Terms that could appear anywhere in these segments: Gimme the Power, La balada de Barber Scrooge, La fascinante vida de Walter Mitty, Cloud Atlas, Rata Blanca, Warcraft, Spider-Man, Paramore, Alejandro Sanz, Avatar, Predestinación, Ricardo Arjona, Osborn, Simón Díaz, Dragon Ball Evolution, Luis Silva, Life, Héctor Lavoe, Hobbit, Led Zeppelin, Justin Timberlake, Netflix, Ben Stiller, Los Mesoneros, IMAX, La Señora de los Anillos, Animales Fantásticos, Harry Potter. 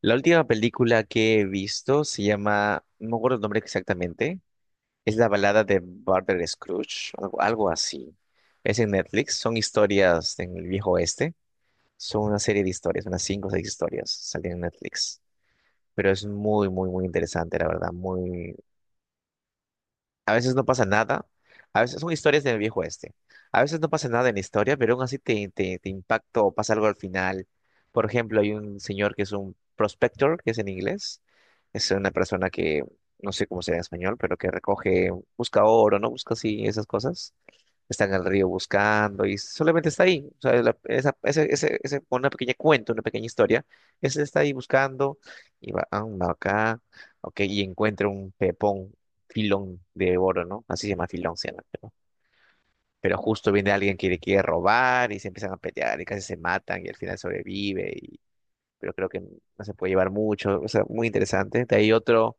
La última película que he visto se llama, no me acuerdo el nombre exactamente, es La balada de Barber Scrooge, algo así. Es en Netflix, son historias en el viejo oeste, son una serie de historias, unas cinco o seis historias salen en Netflix. Pero es muy, muy, muy interesante, la verdad, a veces no pasa nada. A veces son historias del viejo este. A veces no pasa nada en la historia, pero aún así te impacta o pasa algo al final. Por ejemplo, hay un señor que es un prospector, que es en inglés. Es una persona que, no sé cómo será en español, pero que recoge, busca oro, ¿no? Busca así esas cosas. Está en el río buscando y solamente está ahí. O sea, la- esa, ese- una pequeña cuento, una pequeña historia. Ese está ahí buscando y va acá, ok, y encuentra un pepón filón de oro, ¿no? Así se llama filón, se llama, pero justo viene alguien que le quiere robar y se empiezan a pelear y casi se matan y al final sobrevive, pero creo que no se puede llevar mucho, o sea, muy interesante. De ahí otro,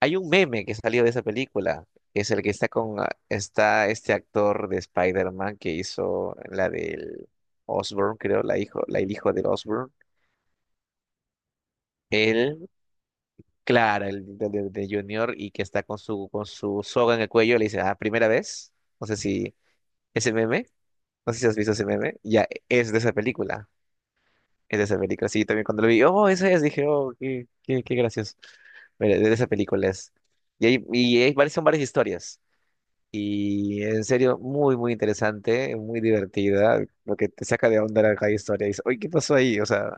hay un meme que salió de esa película, que es el que está este actor de Spider-Man que hizo la del Osborn, creo, la hijo, la el hijo del Osborn. Él, claro, el de Junior y que está con su soga en el cuello, le dice, primera vez, no sé si ese meme. No sé si has visto ese meme. Ya, es de esa película. Es de esa película. Sí, también cuando lo vi, oh, ese es, dije, oh, qué gracioso. Mira, de esa película es. Y hay varias, son varias historias. Y en serio, muy, muy interesante, muy divertida. Lo que te saca de onda la cada historia. Dices, oye, ¿qué pasó ahí? O sea,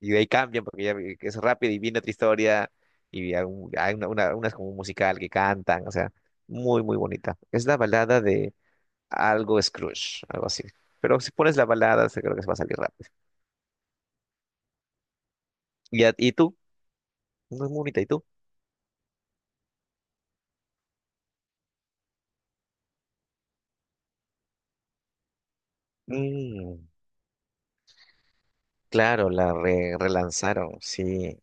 y de ahí cambian porque que es rápido y viene otra historia. Y hay una es como un musical que cantan. O sea, muy, muy bonita. Es la balada de algo Scrooge, algo así. Pero si pones la balada, creo que se va a salir rápido. ¿Y tú? No es muy bonita, ¿y tú? Mm, claro, la relanzaron, sí.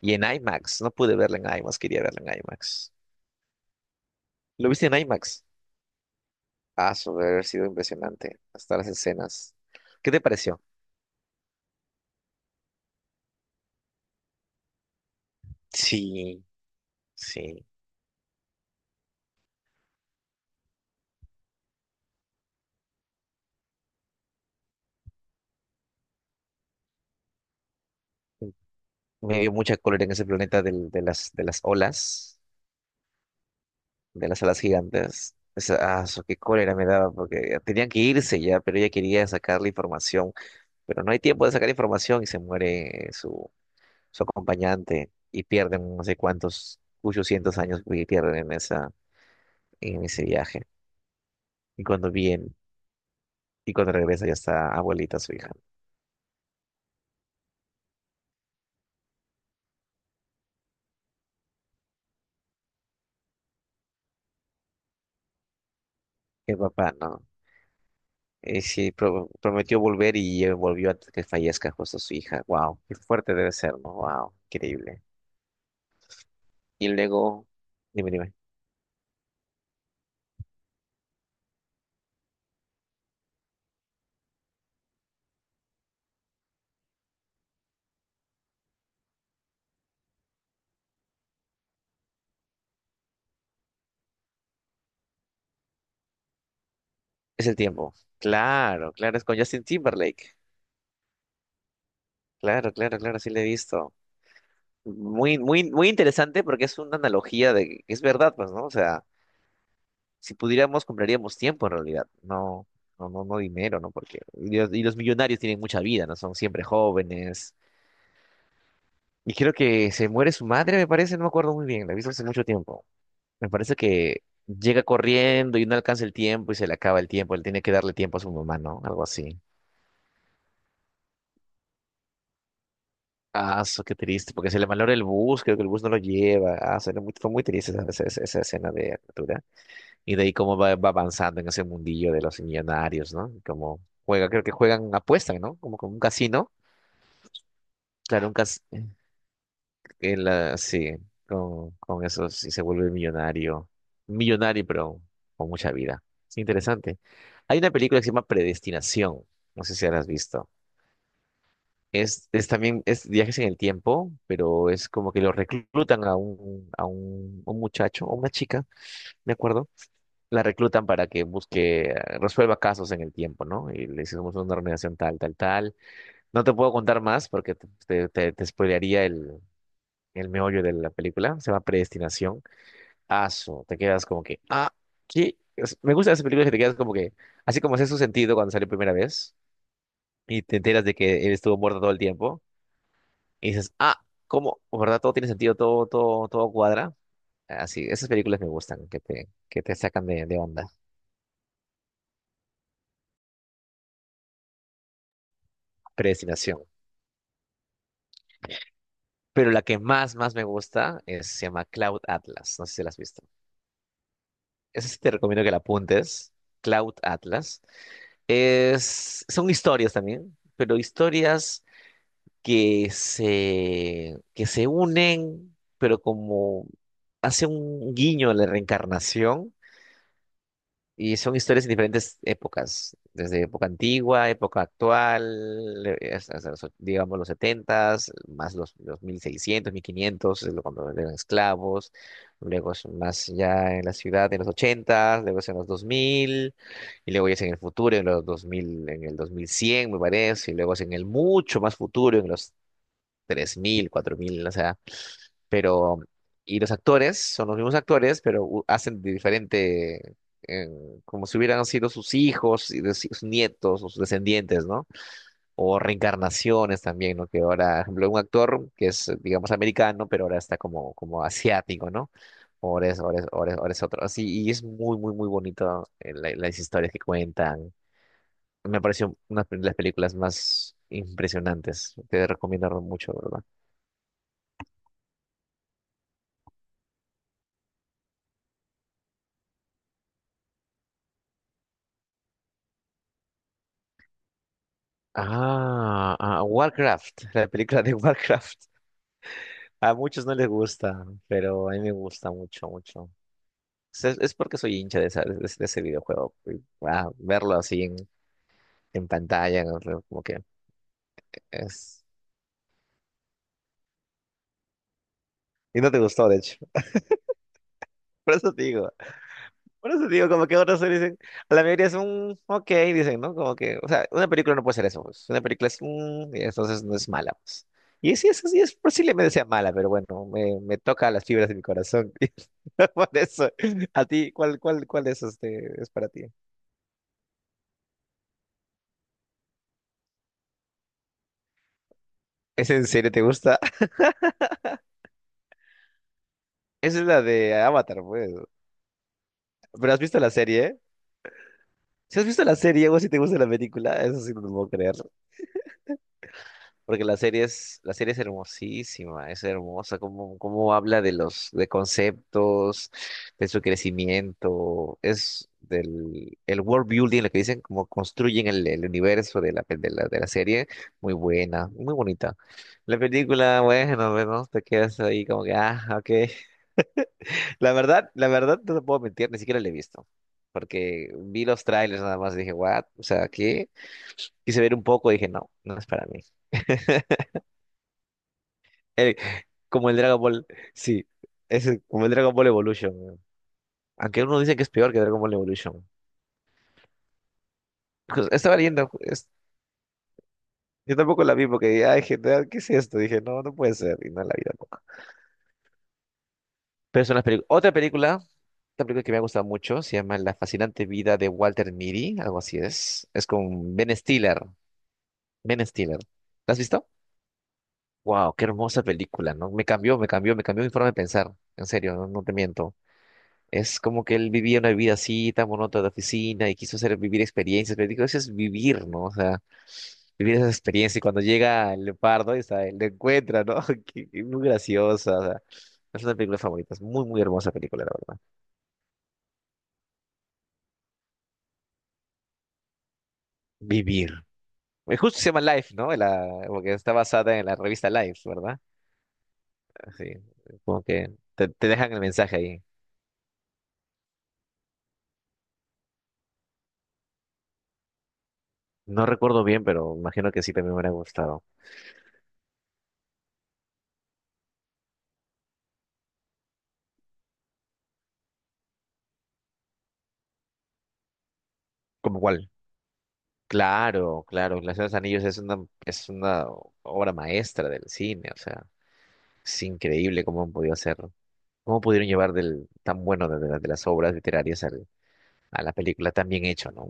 Y en IMAX, no pude verla en IMAX, quería verla en IMAX. ¿Lo viste en IMAX? Ah, sobre haber sido impresionante, hasta las escenas. ¿Qué te pareció? Sí, sí. Me dio mucha cólera en ese planeta de las olas, de las alas gigantes. Qué cólera me daba, porque ya tenían que irse ya, pero ella quería sacar la información pero no hay tiempo de sacar información y se muere su acompañante y pierden no sé cuántos, muchos cientos años y pierden en esa, en ese viaje. Y cuando viene, y cuando regresa ya está abuelita su hija. El papá, no. Y sí, prometió volver y volvió antes que fallezca justo su hija. Wow, qué fuerte debe ser, ¿no? Wow, increíble. Y luego, dime, dime, es el tiempo. Claro, claro, es con Justin Timberlake. Claro, claro, claro, sí le he visto. Muy, muy, muy interesante porque es una analogía de que es verdad, pues, ¿no? O sea, si pudiéramos, compraríamos tiempo en realidad, no, no, no, no dinero, ¿no? Porque y los millonarios tienen mucha vida, ¿no? Son siempre jóvenes. Y creo que se muere su madre, me parece, no me acuerdo muy bien, la he visto hace mucho tiempo. Me parece que llega corriendo y no alcanza el tiempo y se le acaba el tiempo, él tiene que darle tiempo a su mamá, ¿no? Algo así. Ah, eso, qué triste, porque se le malora el bus, creo que el bus no lo lleva. Ah, fue muy triste esa escena de Aventura. Y de ahí cómo va avanzando en ese mundillo de los millonarios, ¿no? Como juega, creo que juegan, apuestan, ¿no? Como con un casino. Claro, un casino. Sí, con eso sí se vuelve millonario. Millonario, pero con mucha vida. Es interesante. Hay una película que se llama Predestinación. No sé si la has visto. Es también, es viajes en el tiempo, pero es como que lo reclutan a un muchacho, o una chica, me acuerdo, la reclutan para que busque, resuelva casos en el tiempo, ¿no? Y le hicimos una organización tal, tal, tal. No te puedo contar más porque te spoilearía el meollo de la película. Se llama Predestinación. Aso, te quedas como que, ah, ¿qué? Me gustan esas películas que te quedas como que, así como hace su sentido cuando salió primera vez y te enteras de que él estuvo muerto todo el tiempo y dices, ah, ¿cómo? ¿Verdad? Todo tiene sentido, todo, todo, todo cuadra. Así, esas películas me gustan, que te sacan de onda. Predestinación. Pero la que más, más me gusta se llama Cloud Atlas. No sé si la has visto. Esa sí te recomiendo que la apuntes. Cloud Atlas. Son historias también, pero historias que se unen, pero como hace un guiño a la reencarnación. Y son historias en diferentes épocas, desde época antigua, época actual, hasta los, digamos los setentas más los 1600, 1500, cuando eran esclavos, luego es más ya en la ciudad en los ochentas, luego es en los 2000 y luego ya es en el futuro, en los 2000, en el 2100 me parece, y luego es en el mucho más futuro, en los 3000, 4000, o sea, pero y los actores son los mismos actores, pero hacen de diferente, eh, como si hubieran sido sus hijos, si, sus nietos o sus descendientes, ¿no? O reencarnaciones también, ¿no? Que ahora, por ejemplo, un actor que es, digamos, americano, pero ahora está como asiático, ¿no? Ahora es otro. Así, y es muy, muy, muy bonito, las historias que cuentan. Me pareció una de las películas más impresionantes. Te recomiendo mucho, ¿verdad? Warcraft, la película de Warcraft. A muchos no les gusta, pero a mí me gusta mucho, mucho. Es porque soy hincha de ese videojuego. Verlo así en pantalla, ¿no? Como que es... Y no te gustó, de hecho. Por eso te digo. Por eso digo, como que otros dicen, a la mayoría es un ok, dicen, ¿no? Como que, o sea, una película no puede ser eso, pues. Una película es un, y entonces no es mala, pues. Y sí, es posiblemente sea mala, pero bueno, me toca las fibras de mi corazón. Por eso, a ti, ¿cuál es este, es para ti? ¿Es en serio? ¿Te gusta? Esa es la de Avatar, pues. ¿Pero has visto la serie? Si has visto la serie o si te gusta la película, eso sí no lo puedo creer. Porque la serie es hermosísima, es hermosa, cómo habla de conceptos, de su crecimiento, es del el world building, lo que dicen, cómo construyen el universo de la, pe- de la serie, muy buena, muy bonita. La película, bueno, bueno, te quedas ahí como que, ok. La verdad, no te puedo mentir, ni siquiera la he visto, porque vi los trailers nada más y dije, what, o sea, ¿qué? Quise ver un poco y dije, no, no es para mí. Eh, Como el Dragon Ball, sí, como el Dragon Ball Evolution. Weón. Aunque uno dice que es peor que Dragon Ball Evolution. Pues, estaba leyendo, yo tampoco la vi porque dije, ay, gente, ¿qué es esto? Dije, no, no puede ser, y no la vi tampoco. Pero son las películas. Otra película que me ha gustado mucho, se llama La fascinante vida de Walter Mitty, algo así es. Es con Ben Stiller. Ben Stiller. ¿La has visto? Wow, qué hermosa película, ¿no? Me cambió, me cambió, me cambió mi forma de pensar. En serio, no, no te miento. Es como que él vivía una vida así, tan monótona de oficina, y quiso hacer vivir experiencias, pero digo, eso es vivir, ¿no? O sea, vivir esa experiencia. Y cuando llega el leopardo, lo encuentra, ¿no? Que Muy graciosa. O sea, es una película favorita, es muy, muy hermosa película, la verdad. Vivir. Justo se llama Life, ¿no? Porque está basada en la revista Life, ¿verdad? Así, como que te dejan el mensaje ahí. No recuerdo bien, pero imagino que sí también me hubiera gustado. ¿Como cuál? Claro, claro, La Señora de los Anillos es una obra maestra del cine, o sea, es increíble cómo han podido hacerlo. Cómo pudieron llevar del tan bueno de las obras literarias a la película tan bien hecho, ¿no?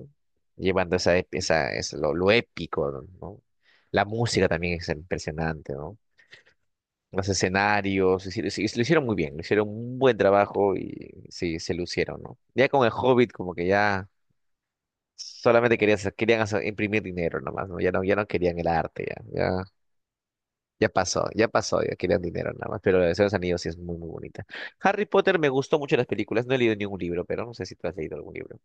Llevando esa, es lo épico, ¿no? La música también es impresionante, ¿no? Los escenarios, es decir, sí, lo hicieron muy bien, lo hicieron un buen trabajo y sí, se lucieron, ¿no? Ya con el Hobbit, como que ya. Solamente querían, imprimir dinero nomás, ¿no? Ya no, ya no querían el arte, ya, ya, ya pasó, ya pasó, ya querían dinero nada más. Pero la de los Anillos sí es muy, muy bonita. Harry Potter me gustó mucho las películas, no he leído ningún libro, pero no sé si tú has leído algún libro.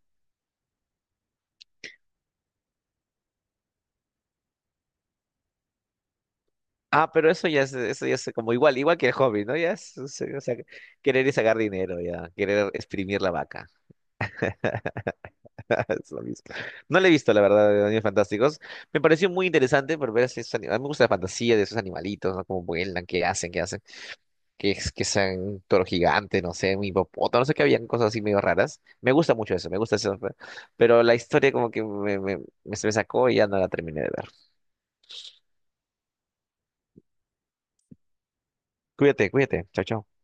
Ah, pero eso ya es como igual, igual que el hobby, ¿no? Ya o sea, querer y sacar dinero, ya, querer exprimir la vaca. Es lo mismo. No le he visto, la verdad, de Animales Fantásticos. Me pareció muy interesante por ver esos, animales me gusta la fantasía de esos animalitos, ¿no? Cómo vuelan, qué hacen, qué hacen. Que es que sean toro gigante, no sé, un hipopótamo, no sé que habían cosas así medio raras. Me gusta mucho eso, me gusta eso, pero la historia como que se me sacó y ya no la terminé de ver. Cuídate, cuídate, chao, chao.